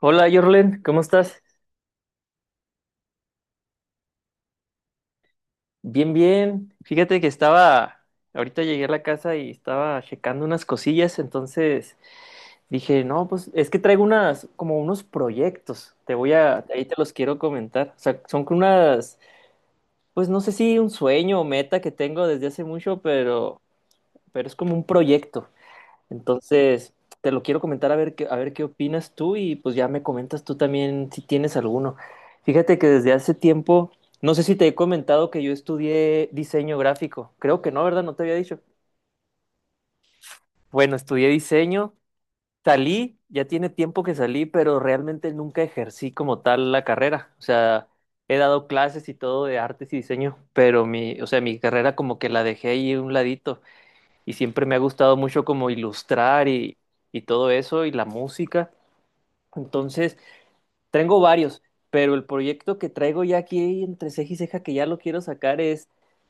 Hola, Jorlen, ¿cómo estás? Bien, bien. Fíjate que estaba, ahorita llegué a la casa y estaba checando unas cosillas, entonces dije, no, pues es que traigo unas, como unos proyectos, te voy a, ahí te los quiero comentar. O sea, son con unas, pues no sé si un sueño o meta que tengo desde hace mucho, pero es como un proyecto. Entonces, te lo quiero comentar a ver qué opinas tú y pues ya me comentas tú también si tienes alguno. Fíjate que desde hace tiempo, no sé si te he comentado que yo estudié diseño gráfico. Creo que no, ¿verdad? No te había dicho. Bueno, estudié diseño, salí, ya tiene tiempo que salí, pero realmente nunca ejercí como tal la carrera. O sea, he dado clases y todo de artes y diseño, pero mi, o sea, mi carrera como que la dejé ahí a un ladito y siempre me ha gustado mucho como ilustrar y todo eso y la música. Entonces, tengo varios, pero el proyecto que traigo ya aquí entre ceja y ceja que ya lo quiero sacar es,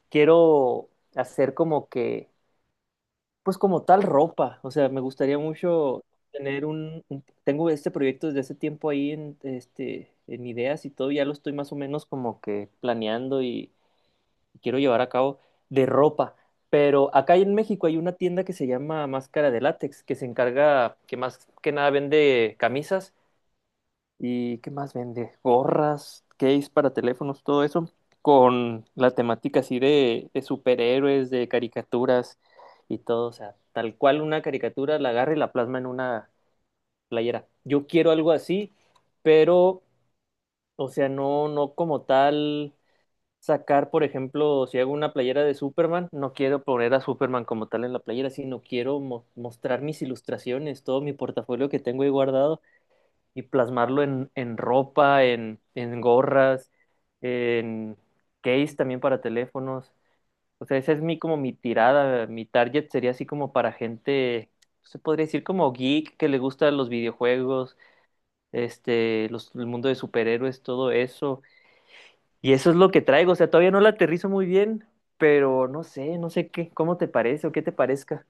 quiero hacer como que, pues como tal ropa, o sea, me gustaría mucho tener un, tengo este proyecto desde hace tiempo ahí en, este, en ideas y todo, ya lo estoy más o menos como que planeando y, quiero llevar a cabo de ropa. Pero acá en México hay una tienda que se llama Máscara de Látex, que se encarga, que más que nada vende camisas y qué más vende, gorras, case para teléfonos, todo eso, con la temática así de superhéroes, de caricaturas y todo. O sea, tal cual una caricatura la agarra y la plasma en una playera. Yo quiero algo así, pero, o sea, no, no como tal sacar, por ejemplo, si hago una playera de Superman, no quiero poner a Superman como tal en la playera, sino quiero mostrar mis ilustraciones, todo mi portafolio que tengo ahí guardado y plasmarlo en ropa, en gorras, en case también para teléfonos. O sea, esa es mi como mi tirada, mi target sería así como para gente, se podría decir como geek que le gustan los videojuegos, este, los, el mundo de superhéroes, todo eso y eso es lo que traigo, o sea, todavía no la aterrizo muy bien, pero no sé, no sé qué, cómo te parece o qué te parezca.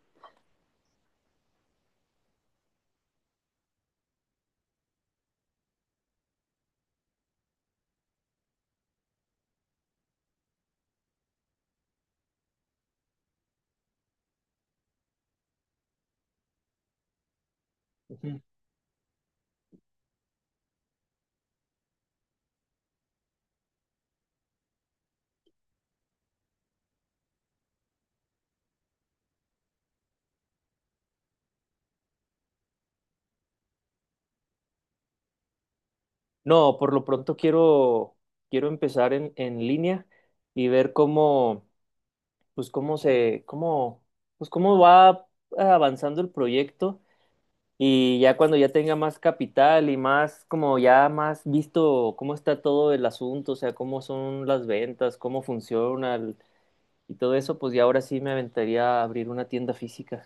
Ujú. No, por lo pronto quiero, quiero empezar en línea y ver cómo, pues cómo se, cómo, pues cómo va avanzando el proyecto y ya cuando ya tenga más capital y más, como ya más visto cómo está todo el asunto, o sea, cómo son las ventas, cómo funciona y todo eso, pues ya ahora sí me aventaría a abrir una tienda física.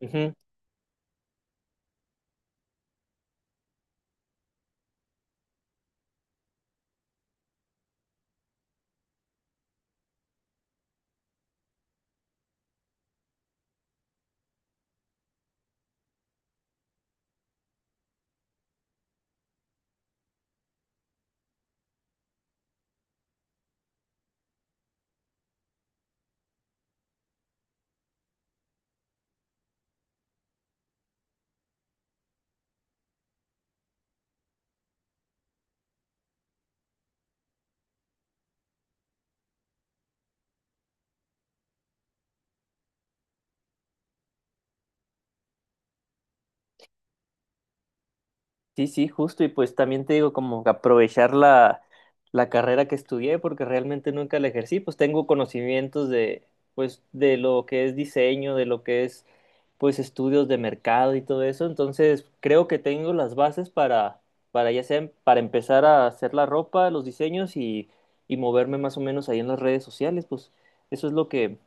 Ujú. Sí, sí, justo. Y pues también te digo, como aprovechar la, la carrera que estudié, porque realmente nunca la ejercí. Pues tengo conocimientos de, pues, de lo que es diseño, de lo que es, pues, estudios de mercado y todo eso. Entonces, creo que tengo las bases para ya sea, para empezar a hacer la ropa, los diseños y moverme más o menos ahí en las redes sociales. Pues eso es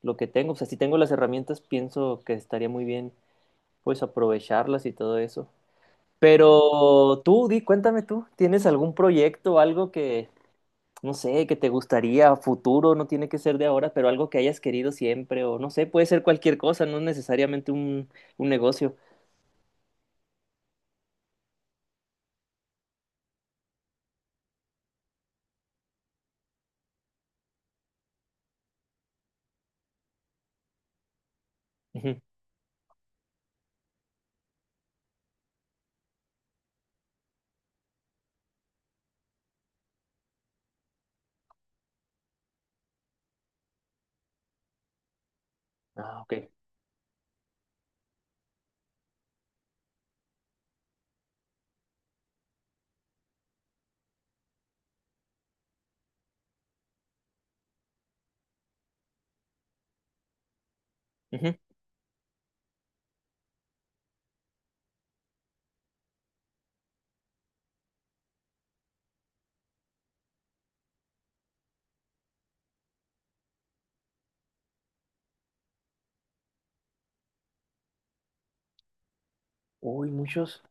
lo que tengo. O sea, si tengo las herramientas, pienso que estaría muy bien, pues, aprovecharlas y todo eso. Pero tú, di, cuéntame tú, ¿tienes algún proyecto, algo que, no sé, que te gustaría a futuro, no tiene que ser de ahora, pero algo que hayas querido siempre, o no sé, puede ser cualquier cosa, no necesariamente un negocio. Ujú. Ah, ok. Ujú. Uy, muchos.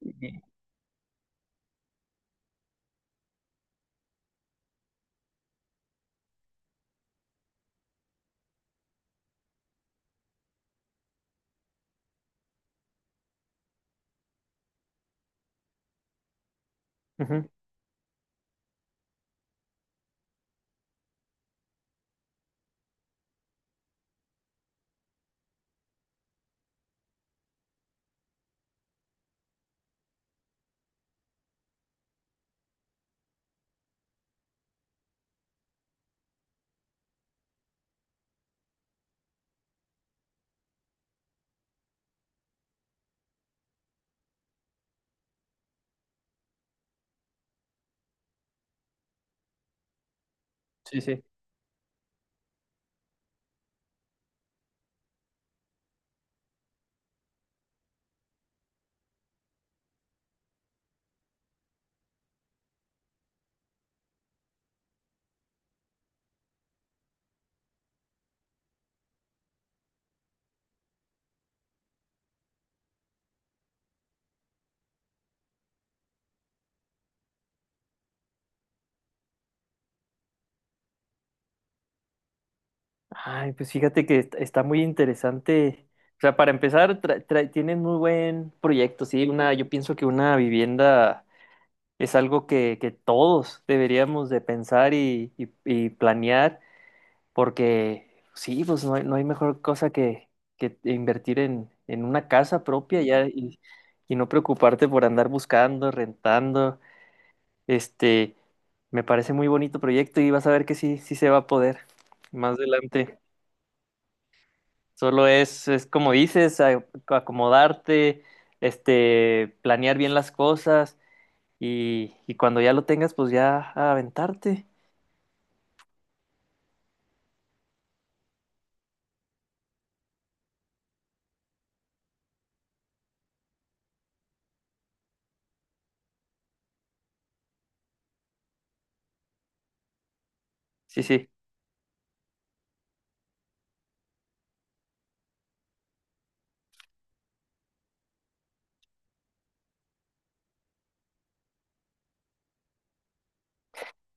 Y- ujú. Sí, sí. Ay, pues fíjate que está muy interesante. O sea, para empezar, tienen muy buen proyecto, sí, una, yo pienso que una vivienda es algo que todos deberíamos de pensar y, y planear, porque sí, pues no hay, no hay mejor cosa que invertir en una casa propia ya y no preocuparte por andar buscando, rentando. Este, me parece muy bonito proyecto y vas a ver que sí, sí se va a poder más adelante. Solo es como dices, acomodarte, este, planear bien las cosas y cuando ya lo tengas, pues ya aventarte. Sí, sí.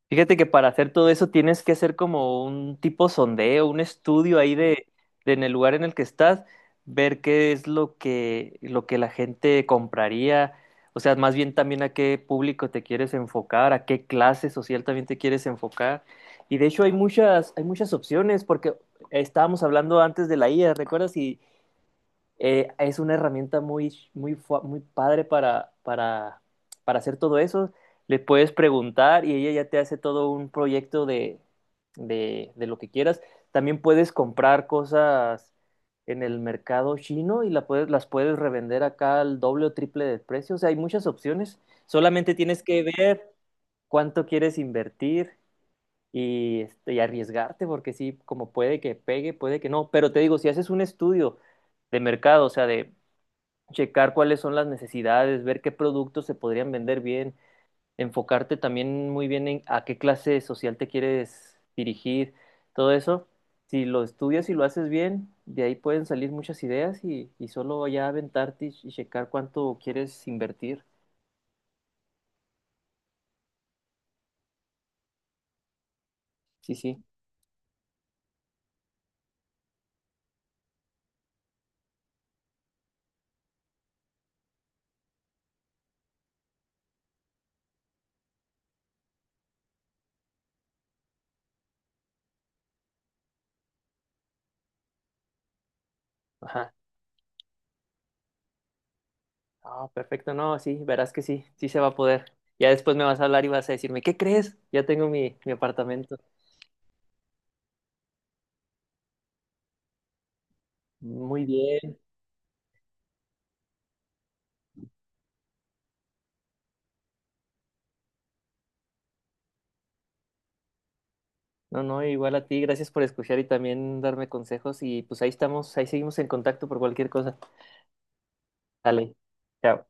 Fíjate que para hacer todo eso tienes que hacer como un tipo sondeo, un estudio ahí de en el lugar en el que estás, ver qué es lo que la gente compraría, o sea, más bien también a qué público te quieres enfocar, a qué clase social también te quieres enfocar. Y de hecho hay muchas opciones, porque estábamos hablando antes de la IA, ¿recuerdas? Y, es una herramienta muy, muy, muy padre para hacer todo eso. Le puedes preguntar y ella ya te hace todo un proyecto de lo que quieras. También puedes comprar cosas en el mercado chino y la puedes, las puedes revender acá al doble o triple del precio. O sea, hay muchas opciones. Solamente tienes que ver cuánto quieres invertir y, este, y arriesgarte, porque sí, como puede que pegue, puede que no. Pero te digo, si haces un estudio de mercado, o sea, de checar cuáles son las necesidades, ver qué productos se podrían vender bien, enfocarte también muy bien en a qué clase social te quieres dirigir, todo eso. Si lo estudias y lo haces bien, de ahí pueden salir muchas ideas y solo ya aventarte y checar cuánto quieres invertir. Sí, sí. Ajá. Ah, perfecto. No, sí, verás que sí, sí se va a poder. Ya después me vas a hablar y vas a decirme, ¿qué crees? Ya tengo mi, mi apartamento. Muy bien. No, no, igual a ti, gracias por escuchar y también darme consejos y pues ahí estamos, ahí seguimos en contacto por cualquier cosa. Dale, chao.